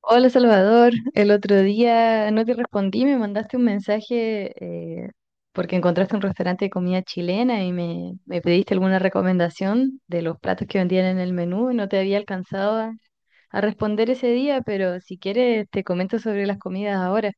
Hola Salvador, el otro día no te respondí, me mandaste un mensaje eh, porque encontraste un restaurante de comida chilena y me pediste alguna recomendación de los platos que vendían en el menú. No te había alcanzado a responder ese día, pero si quieres te comento sobre las comidas ahora.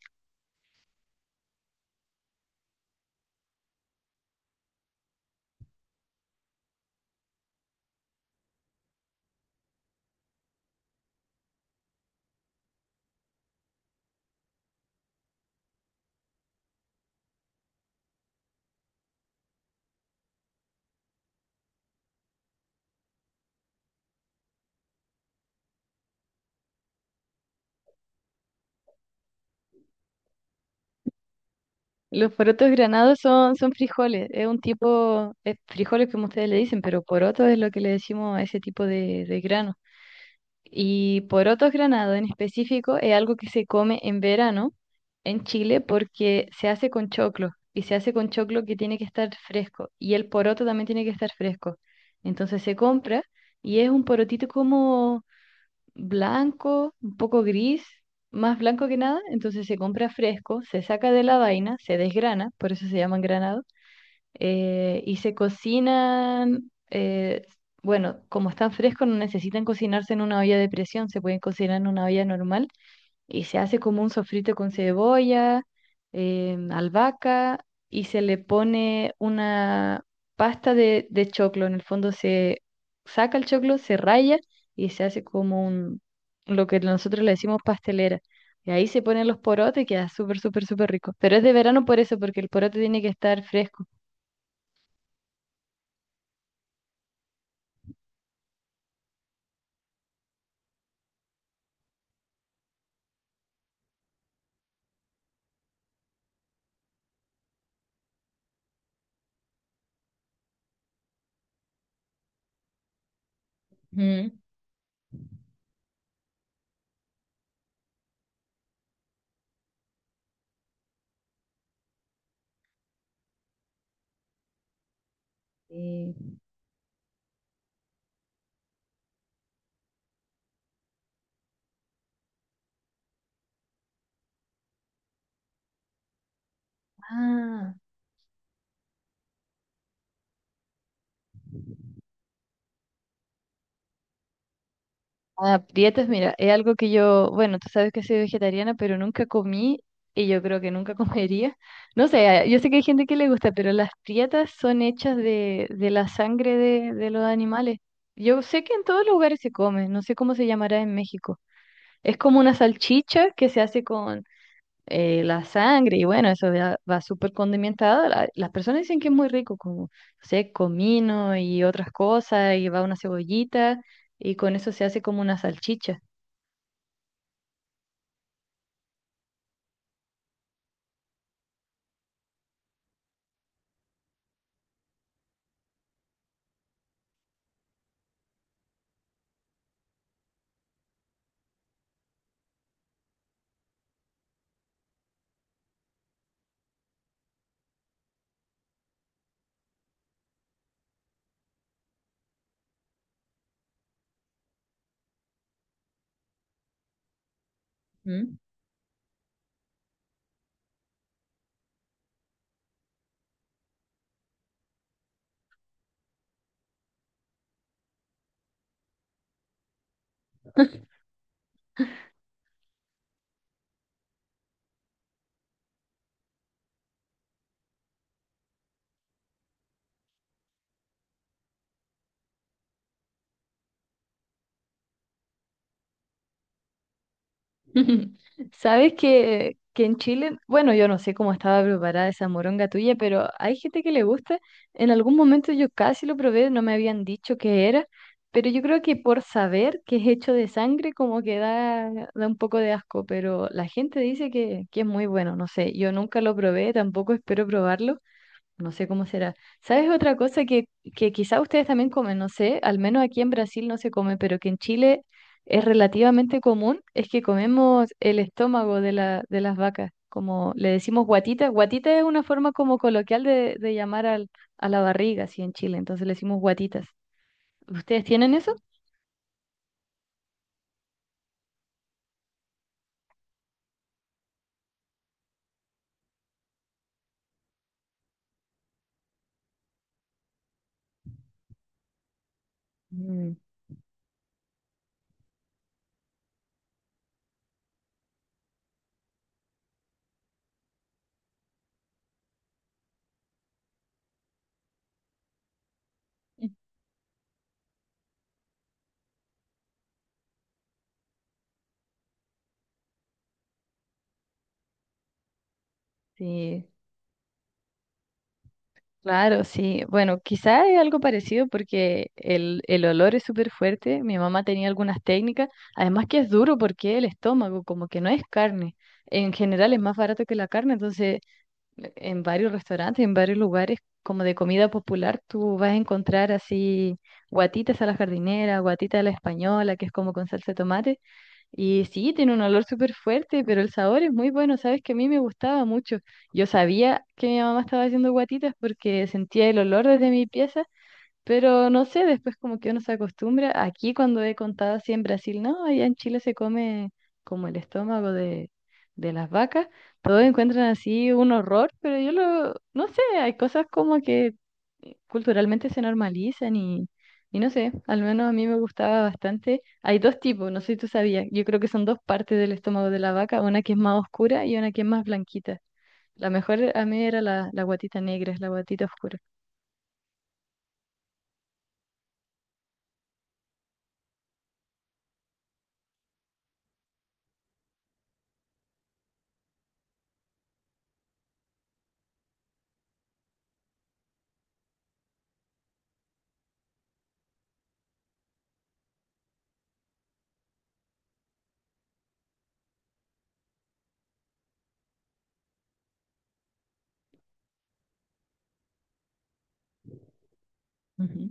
Los porotos granados son frijoles, es un tipo, es frijoles como ustedes le dicen, pero poroto es lo que le decimos a ese tipo de grano. Y porotos granados en específico es algo que se come en verano en Chile porque se hace con choclo y se hace con choclo que tiene que estar fresco y el poroto también tiene que estar fresco. Entonces se compra y es un porotito como blanco, un poco gris, más blanco que nada. Entonces se compra fresco, se saca de la vaina, se desgrana, por eso se llaman granados. Y se cocinan, bueno, como están frescos no necesitan cocinarse en una olla de presión, se pueden cocinar en una olla normal y se hace como un sofrito con cebolla, albahaca y se le pone una pasta de choclo. En el fondo se saca el choclo, se raya y se hace como un, lo que nosotros le decimos pastelera. Y ahí se ponen los porotes y queda súper, súper, súper rico. Pero es de verano por eso, porque el porote tiene que estar fresco. Ujú. Sí. Ah, aprietos, mira, es algo que yo, bueno, tú sabes que soy vegetariana, pero nunca comí y yo creo que nunca comería. No sé, ah, yo sé que hay gente que le gusta, pero las prietas son hechas de la sangre de los animales. Yo sé que en todos los lugares se come, no sé cómo se llamará en México. Es como una salchicha que se hace con la sangre y bueno, eso ya va súper condimentado. Las personas dicen que es muy rico, como, no sé, comino y otras cosas, y va una cebollita y con eso se hace como una salchicha. Sabes que en Chile, bueno, yo no sé cómo estaba preparada esa moronga tuya, pero hay gente que le gusta. En algún momento yo casi lo probé, no me habían dicho qué era, pero yo creo que por saber que es hecho de sangre, como que da, da un poco de asco, pero la gente dice que es muy bueno, no sé, yo nunca lo probé, tampoco espero probarlo, no sé cómo será. ¿Sabes otra cosa que quizá ustedes también comen? No sé, al menos aquí en Brasil no se come, pero que en Chile es relativamente común, es que comemos el estómago de las vacas, como le decimos guatita. Guatita es una forma como coloquial de llamar a la barriga, así en Chile, entonces le decimos guatitas. ¿Ustedes tienen eso? Mm. Sí. Claro, sí. Bueno, quizá es algo parecido porque el olor es súper fuerte. Mi mamá tenía algunas técnicas. Además que es duro porque el estómago, como que no es carne. En general es más barato que la carne, entonces en varios restaurantes, en varios lugares como de comida popular, tú vas a encontrar así guatitas a la jardinera, guatita a la española, que es como con salsa de tomate. Y sí, tiene un olor súper fuerte, pero el sabor es muy bueno. Sabes que a mí me gustaba mucho. Yo sabía que mi mamá estaba haciendo guatitas porque sentía el olor desde mi pieza, pero no sé, después como que uno se acostumbra. Aquí cuando he contado así en Brasil, no, allá en Chile se come como el estómago de las vacas. Todos encuentran así un horror, pero yo lo, no sé, hay cosas como que culturalmente se normalizan y no sé, al menos a mí me gustaba bastante. Hay dos tipos, no sé si tú sabías, yo creo que son dos partes del estómago de la vaca, una que es más oscura y una que es más blanquita. La mejor a mí era la guatita negra, es la guatita oscura. Ujú.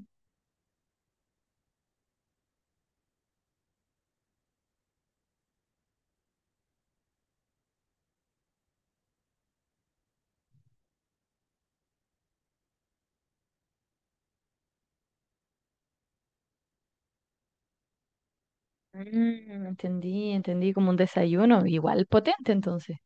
Mm, entendí, entendí como un desayuno, igual potente entonces.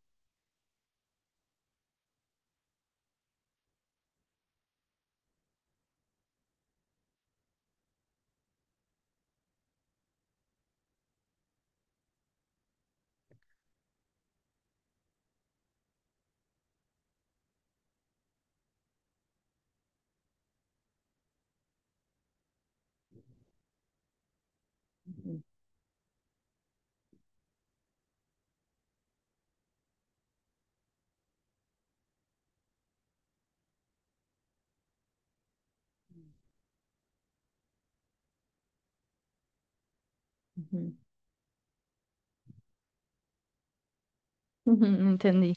Ujú, entendí.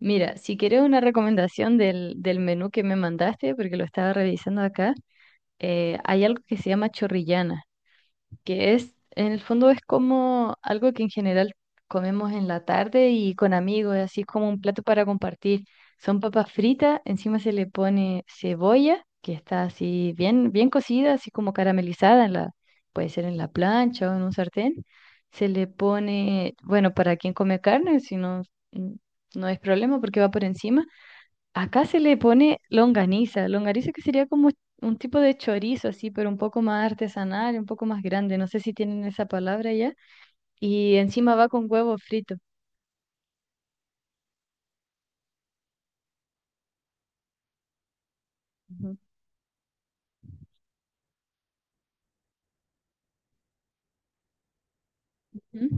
Mira, si quieres una recomendación del menú que me mandaste, porque lo estaba revisando acá, hay algo que se llama chorrillana, que es, en el fondo es como algo que en general comemos en la tarde y con amigos, así es como un plato para compartir. Son papas fritas, encima se le pone cebolla, que está así bien, bien cocida, así como caramelizada en la, puede ser en la plancha o en un sartén. Se le pone, bueno, para quien come carne, si no, mm, no es problema porque va por encima. Acá se le pone longaniza, longaniza que sería como un tipo de chorizo así, pero un poco más artesanal, un poco más grande, no sé si tienen esa palabra ya, y encima va con huevo frito. Ujú. Ujú.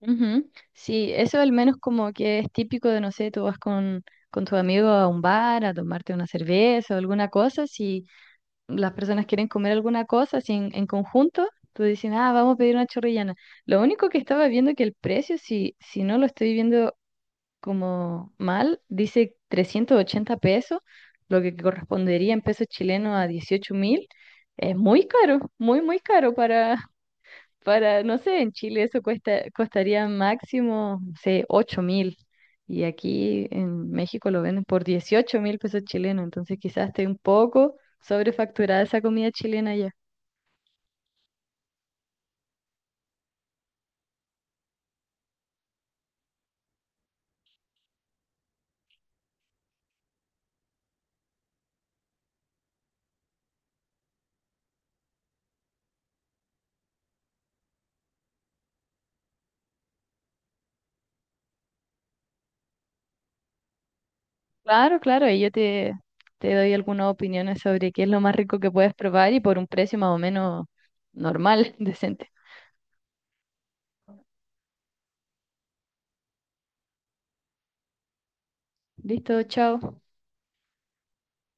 Ujú. Sí, eso al menos como que es típico de, no sé, tú vas con tu amigo a un bar a tomarte una cerveza o alguna cosa, si las personas quieren comer alguna cosa así en conjunto, tú dices, ah, vamos a pedir una chorrillana. Lo único que estaba viendo que el precio, si no lo estoy viendo como mal, dice 380 pesos, lo que correspondería en pesos chilenos a 18.000. Es muy caro, muy, muy caro para, no sé, en Chile eso cuesta, costaría máximo, no sé, 8.000. Y aquí en México lo venden por 18.000 pesos chilenos, entonces quizás esté un poco sobrefacturada esa comida chilena ya. Claro, claro, ahí yo te doy algunas opiniones sobre qué es lo más rico que puedes probar y por un precio más o menos normal, decente. Listo, chao.